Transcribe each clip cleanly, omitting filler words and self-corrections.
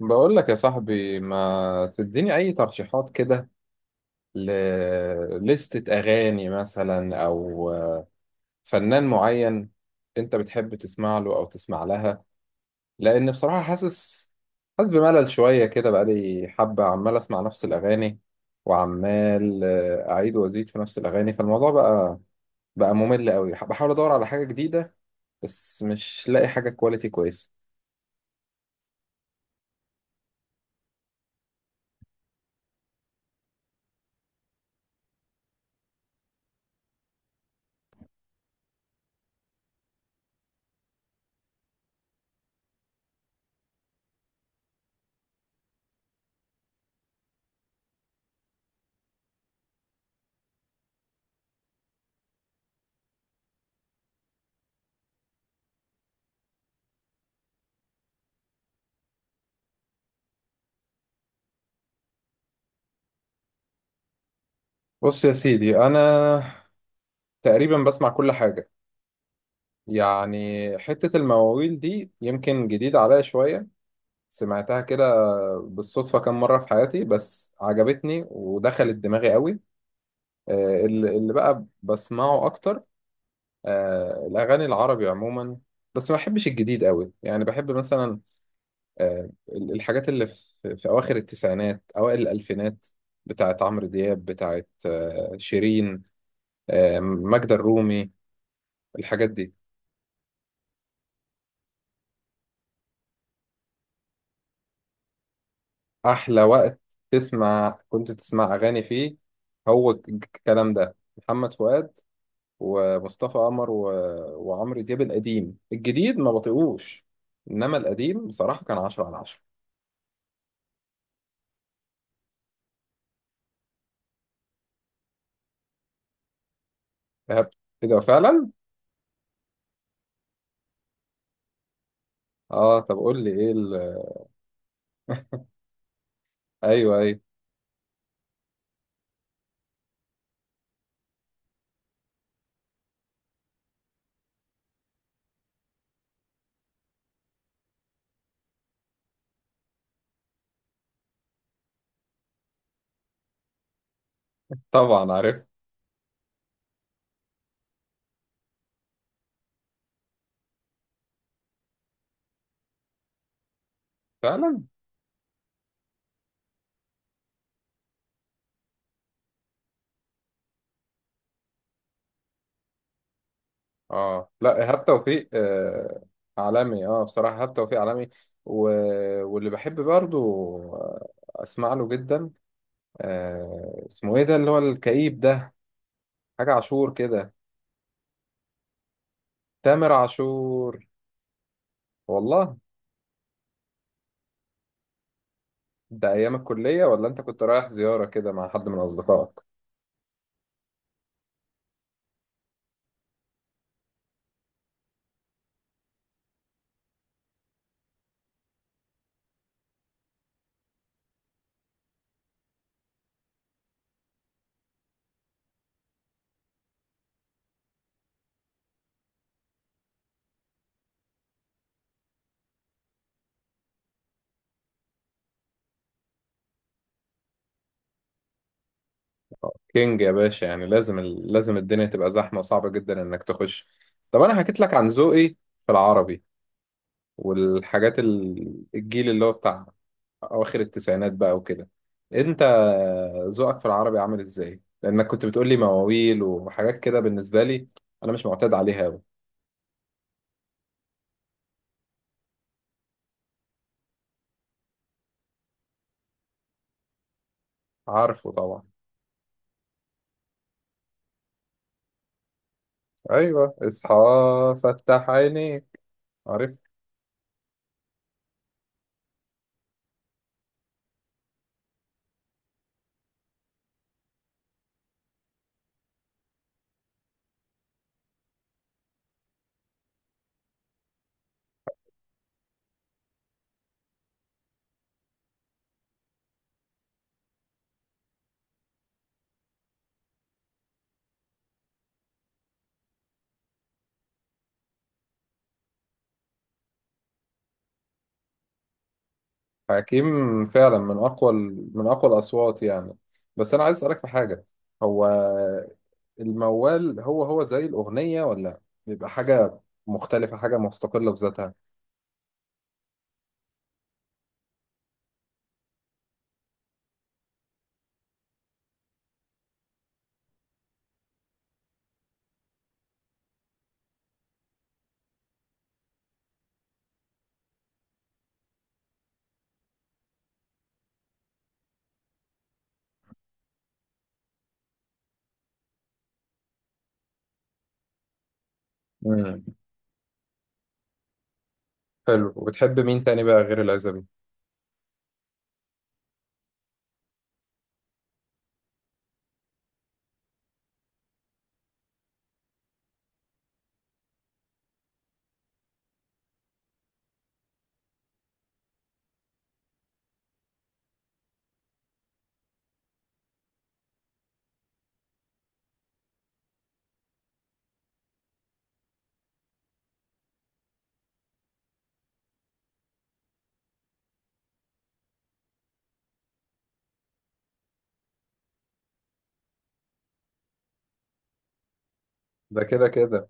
بقول لك يا صاحبي ما تديني اي ترشيحات كده لليستة اغاني مثلا او فنان معين. انت بتحب تسمع له او تسمع لها؟ لان بصراحة حاسس بملل شوية كده بقالي حبة عمال اسمع نفس الاغاني، وعمال اعيد وازيد في نفس الاغاني، فالموضوع بقى ممل قوي. بحاول ادور على حاجة جديدة بس مش لاقي حاجة كواليتي كويسة. بص يا سيدي انا تقريبا بسمع كل حاجة، يعني حتة المواويل دي يمكن جديدة عليا شوية، سمعتها كده بالصدفة كام مرة في حياتي بس عجبتني ودخلت دماغي قوي. اللي بقى بسمعه أكتر، الأغاني العربي عموما، بس ما بحبش الجديد قوي، يعني بحب مثلا الحاجات اللي في أواخر التسعينات أوائل الألفينات، بتاعت عمرو دياب، بتاعت شيرين، ماجدة الرومي، الحاجات دي. احلى وقت كنت تسمع اغاني فيه هو الكلام ده، محمد فؤاد ومصطفى قمر و... وعمرو دياب القديم. الجديد ما بطيقوش، انما القديم بصراحه كان 10 على 10. فهمت كده فعلا. اه طب قول لي ايه ال... ايوه، ايوه. طبعا عارف. فعلا. اه لا، ايهاب توفيق آه عالمي، اه بصراحه ايهاب توفيق عالمي. و... واللي بحب برضو آه، اسمع له جدا، آه اسمه ايه ده اللي هو الكئيب ده، حاجة عاشور كده. تامر عاشور. والله. ده أيام الكلية ولا أنت كنت رايح زيارة كده مع حد من أصدقائك؟ كينج يا باشا. يعني لازم لازم الدنيا تبقى زحمة وصعبة جدا إنك تخش. طب أنا حكيت لك عن ذوقي في العربي والحاجات الجيل اللي هو بتاع أواخر التسعينات بقى وكده. أنت ذوقك في العربي عامل إزاي؟ لأنك كنت بتقول لي مواويل وحاجات كده، بالنسبة لي أنا مش معتاد عليها أوي. عارفه طبعا. أيوه اصحى. فتح عينيك. حكيم فعلا من اقوى من اقوى الاصوات يعني. بس انا عايز اسالك في حاجه، هو الموال هو زي الاغنيه، ولا بيبقى حاجه مختلفه، حاجه مستقله بذاتها؟ امم. حلو. وبتحب مين تاني بقى غير العزبي؟ ده كده كده.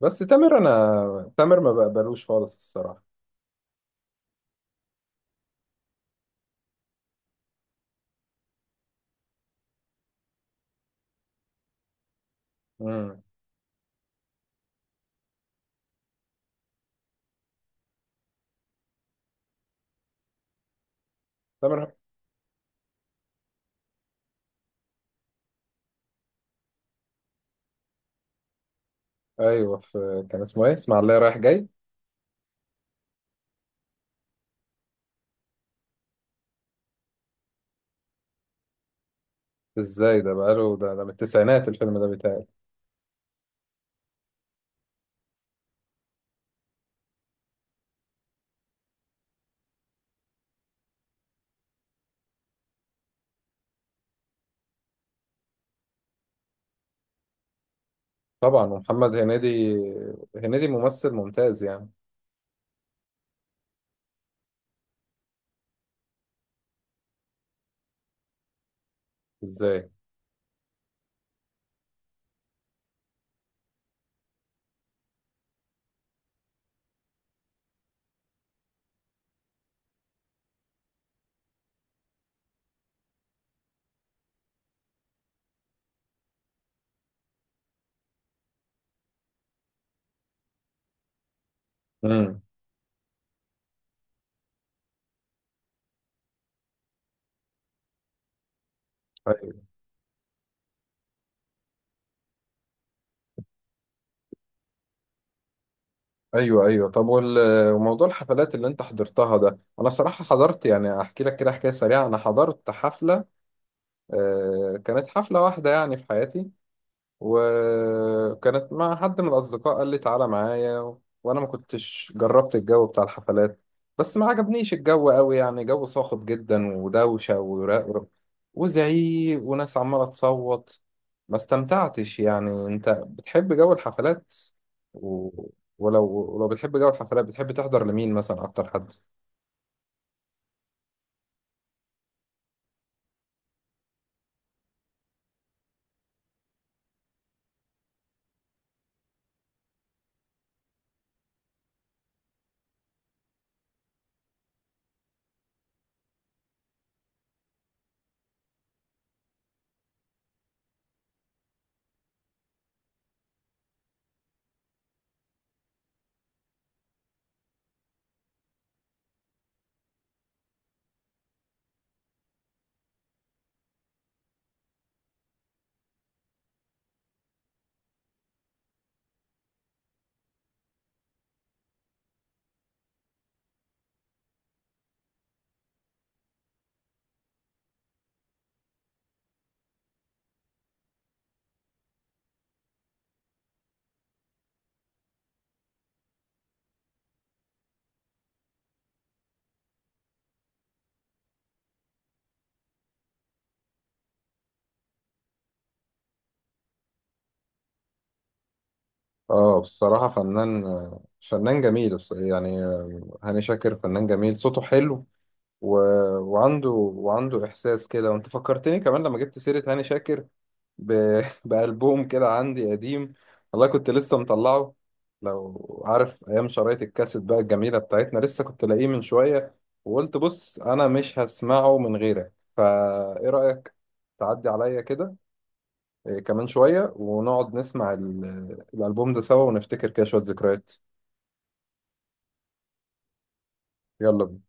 بس تامر، انا تامر ما بقبلوش خالص الصراحه. امم. تامر. ايوه، في كان اسمه ايه، اسمع الله رايح جاي. ازاي ده، بقاله ده، ده من التسعينات الفيلم ده بيتهيألي. طبعا. ومحمد هنيدي، هنيدي ممثل ممتاز يعني. ازاي. امم. ايوه. ايوه، ايوه. طب وموضوع الحفلات اللي انت حضرتها ده، انا بصراحه حضرت، يعني احكي لك كده حكايه سريعه، انا حضرت حفله، كانت حفله واحده يعني في حياتي، وكانت مع حد من الأصدقاء قال لي تعالى معايا و... وأنا ما كنتش جربت الجو بتاع الحفلات، بس ما عجبنيش الجو قوي، يعني جو صاخب جدا ودوشة ورق وزعيق وناس عمالة تصوت، ما استمتعتش يعني. أنت بتحب جو الحفلات؟ و... ولو بتحب جو الحفلات بتحب تحضر لمين مثلا، أكتر حد؟ اه بصراحة فنان، فنان جميل يعني هاني شاكر فنان جميل، صوته حلو، و... وعنده إحساس كده. وأنت فكرتني كمان لما جبت سيرة هاني شاكر بألبوم كده عندي قديم، والله كنت لسه مطلعه، لو عارف أيام شرايط الكاسيت بقى الجميلة بتاعتنا، لسه كنت لاقيه من شوية، وقلت بص أنا مش هسمعه من غيرك، فإيه رأيك تعدي عليا كده كمان شوية ونقعد نسمع الألبوم ده سوا ونفتكر كده شوية ذكريات. يلا بينا.